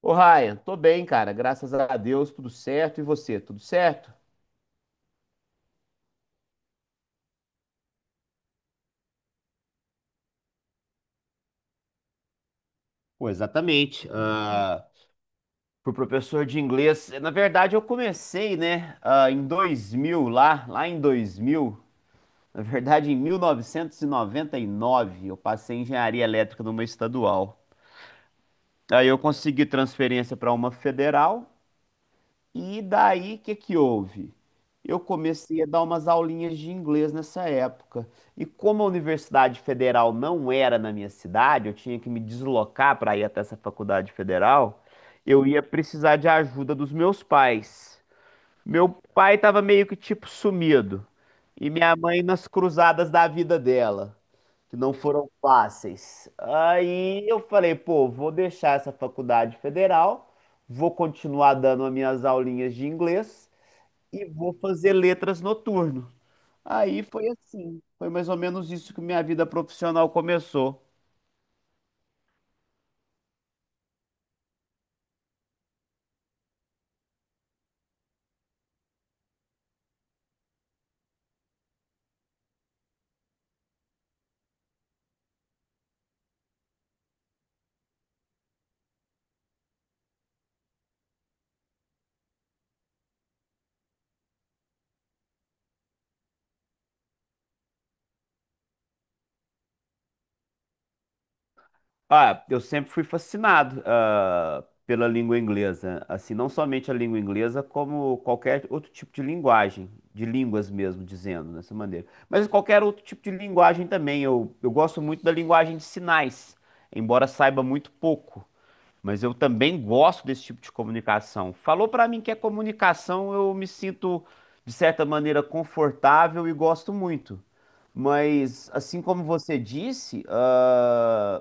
Ô, Ryan, tô bem, cara. Graças a Deus, tudo certo. E você, tudo certo? Pô, exatamente. Fui professor de inglês. Na verdade, eu comecei, né, em 2000, lá em 2000. Na verdade, em mil novecentos e noventa e nove, eu passei em engenharia elétrica numa estadual. Aí eu consegui transferência para uma federal. E daí, o que que houve? Eu comecei a dar umas aulinhas de inglês nessa época. E como a Universidade Federal não era na minha cidade, eu tinha que me deslocar para ir até essa faculdade federal, eu ia precisar de ajuda dos meus pais. Meu pai estava meio que tipo sumido, e minha mãe nas cruzadas da vida dela que não foram fáceis. Aí eu falei, pô, vou deixar essa faculdade federal, vou continuar dando as minhas aulinhas de inglês e vou fazer letras noturno. Aí foi assim, foi mais ou menos isso que minha vida profissional começou. Eu sempre fui fascinado, pela língua inglesa. Assim, não somente a língua inglesa, como qualquer outro tipo de linguagem, de línguas mesmo, dizendo dessa maneira. Mas qualquer outro tipo de linguagem também. Eu gosto muito da linguagem de sinais, embora saiba muito pouco. Mas eu também gosto desse tipo de comunicação. Falou pra mim que é comunicação, eu me sinto, de certa maneira, confortável e gosto muito. Mas, assim como você disse,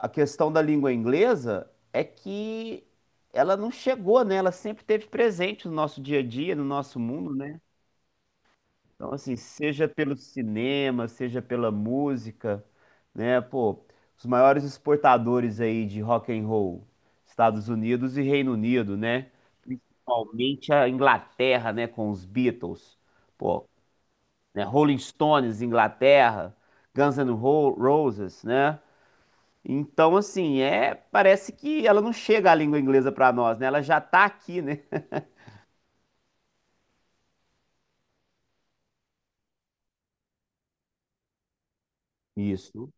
a questão da língua inglesa é que ela não chegou, né? Ela sempre esteve presente no nosso dia a dia, no nosso mundo, né? Então, assim, seja pelo cinema, seja pela música, né? Pô, os maiores exportadores aí de rock and roll, Estados Unidos e Reino Unido, né? Principalmente a Inglaterra, né? Com os Beatles, pô, né? Rolling Stones, Inglaterra, Guns N' Roses, né? Então, assim, é, parece que ela não chega à língua inglesa para nós, né? Ela já tá aqui, né? Isso.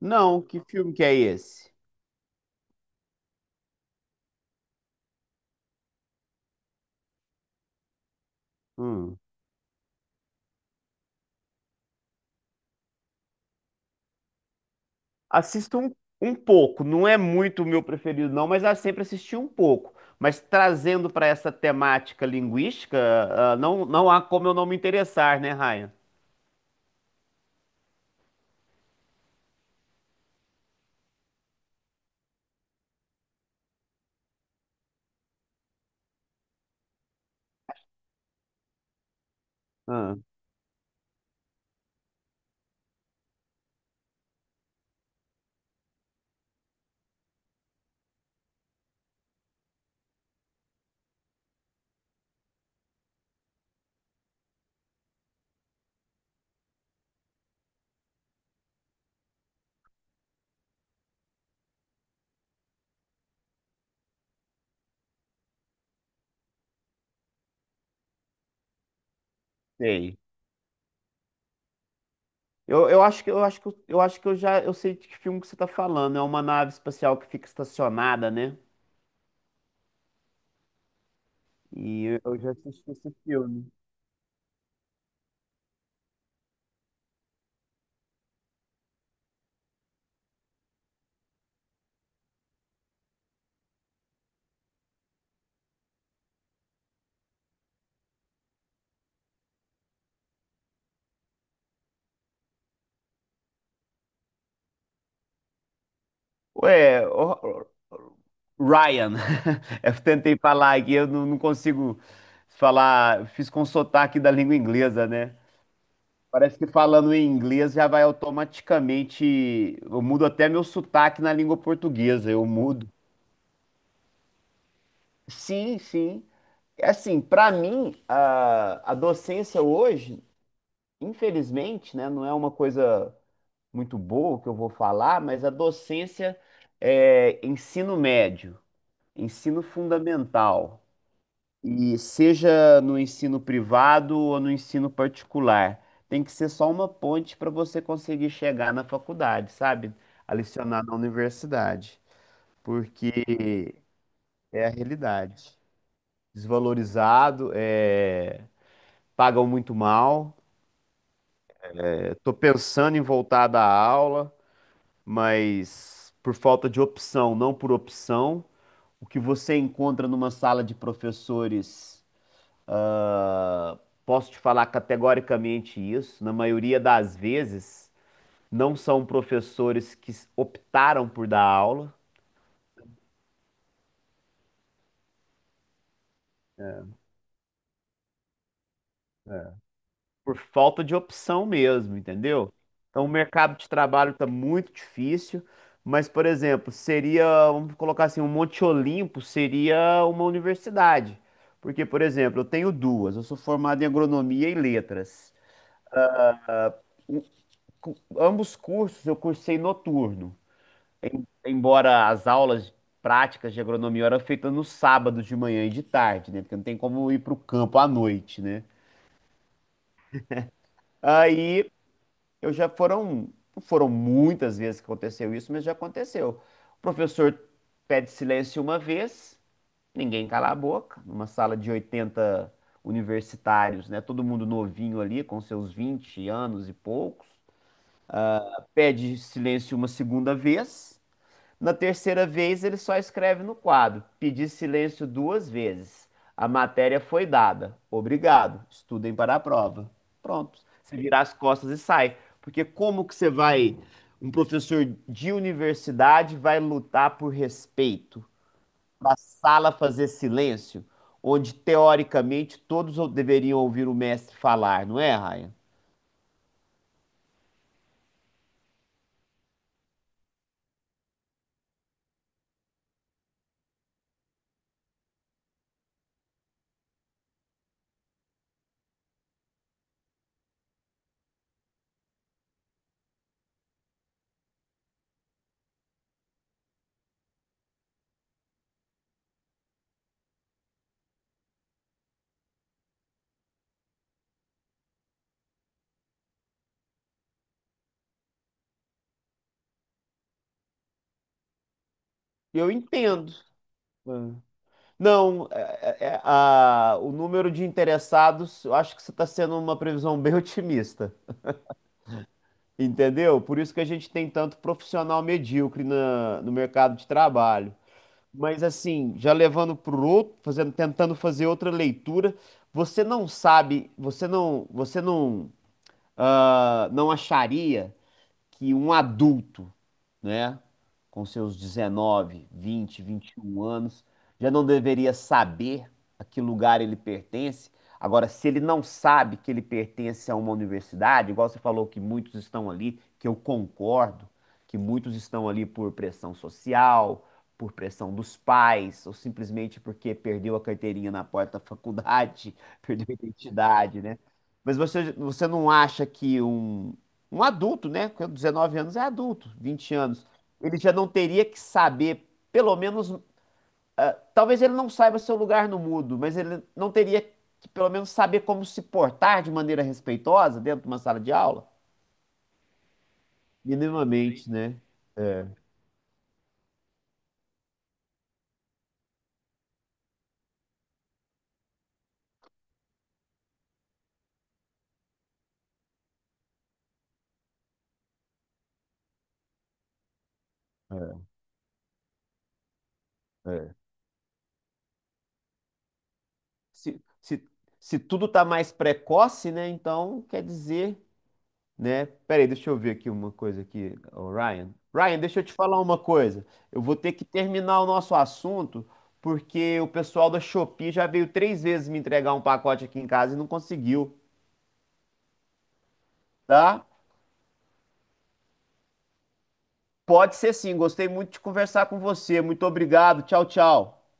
Não, que filme que é esse? Hum. Assisto um pouco, não é muito o meu preferido, não, mas eu sempre assisti um pouco. Mas trazendo para essa temática linguística, não, não há como eu não me interessar, né, Ryan? Ah, sei. Eu acho que eu já eu sei de que filme que você está falando. É uma nave espacial que fica estacionada, né? E eu já assisti esse filme. Ué, Ryan. Eu tentei falar aqui, eu não consigo falar. Fiz com sotaque da língua inglesa, né? Parece que falando em inglês já vai automaticamente. Eu mudo até meu sotaque na língua portuguesa, eu mudo. Sim, sim. Assim, para mim, a docência hoje, infelizmente, né, não é uma coisa muito boa que eu vou falar, mas a docência é ensino médio, ensino fundamental. E seja no ensino privado ou no ensino particular, tem que ser só uma ponte para você conseguir chegar na faculdade, sabe? A lecionar na universidade, porque é a realidade. Desvalorizado, é, pagam muito mal. Estou pensando em voltar da aula, mas por falta de opção, não por opção. O que você encontra numa sala de professores? Ah, Posso te falar categoricamente isso. Na maioria das vezes, não são professores que optaram por dar aula, por falta de opção mesmo, entendeu? Então, o mercado de trabalho está muito difícil. Mas, por exemplo, seria, vamos colocar assim, um Monte Olimpo seria uma universidade. Porque, por exemplo, eu tenho duas. Eu sou formado em agronomia e letras. O- Ambos cursos eu cursei noturno. Embora as aulas práticas de agronomia eram feitas no sábado de manhã e de tarde, né? Porque não tem como ir para o campo à noite, né? Aí eu já foram, não foram muitas vezes que aconteceu isso, mas já aconteceu. O professor pede silêncio uma vez, ninguém cala a boca, numa sala de 80 universitários, né? Todo mundo novinho ali, com seus 20 anos e poucos. Pede silêncio uma segunda vez. Na terceira vez, ele só escreve no quadro: Pedi silêncio duas vezes. A matéria foi dada. Obrigado. Estudem para a prova. Pronto. Você vira as costas e sai. Porque como que você vai, um professor de universidade vai lutar por respeito, para a sala fazer silêncio, onde teoricamente todos deveriam ouvir o mestre falar, não é, Raia? Eu entendo. Não, o número de interessados, eu acho que você está sendo uma previsão bem otimista, entendeu? Por isso que a gente tem tanto profissional medíocre no mercado de trabalho. Mas assim, já levando para o outro, fazendo, tentando fazer outra leitura, você não sabe, você não, não acharia que um adulto, né, com seus 19, 20, 21 anos, já não deveria saber a que lugar ele pertence. Agora, se ele não sabe que ele pertence a uma universidade, igual você falou que muitos estão ali, que eu concordo, que muitos estão ali por pressão social, por pressão dos pais, ou simplesmente porque perdeu a carteirinha na porta da faculdade, perdeu a identidade, né? Mas você não acha que um adulto, né? Com 19 anos é adulto, 20 anos. Ele já não teria que saber, pelo menos, talvez ele não saiba seu lugar no mundo, mas ele não teria que, pelo menos, saber como se portar de maneira respeitosa dentro de uma sala de aula? Minimamente, né? É. Se, se, se tudo está mais precoce, né? Então quer dizer, né? Peraí, deixa eu ver aqui uma coisa aqui, ô, Ryan. Ryan, deixa eu te falar uma coisa. Eu vou ter que terminar o nosso assunto porque o pessoal da Shopee já veio três vezes me entregar um pacote aqui em casa e não conseguiu, tá? Pode ser sim. Gostei muito de conversar com você. Muito obrigado. Tchau, tchau.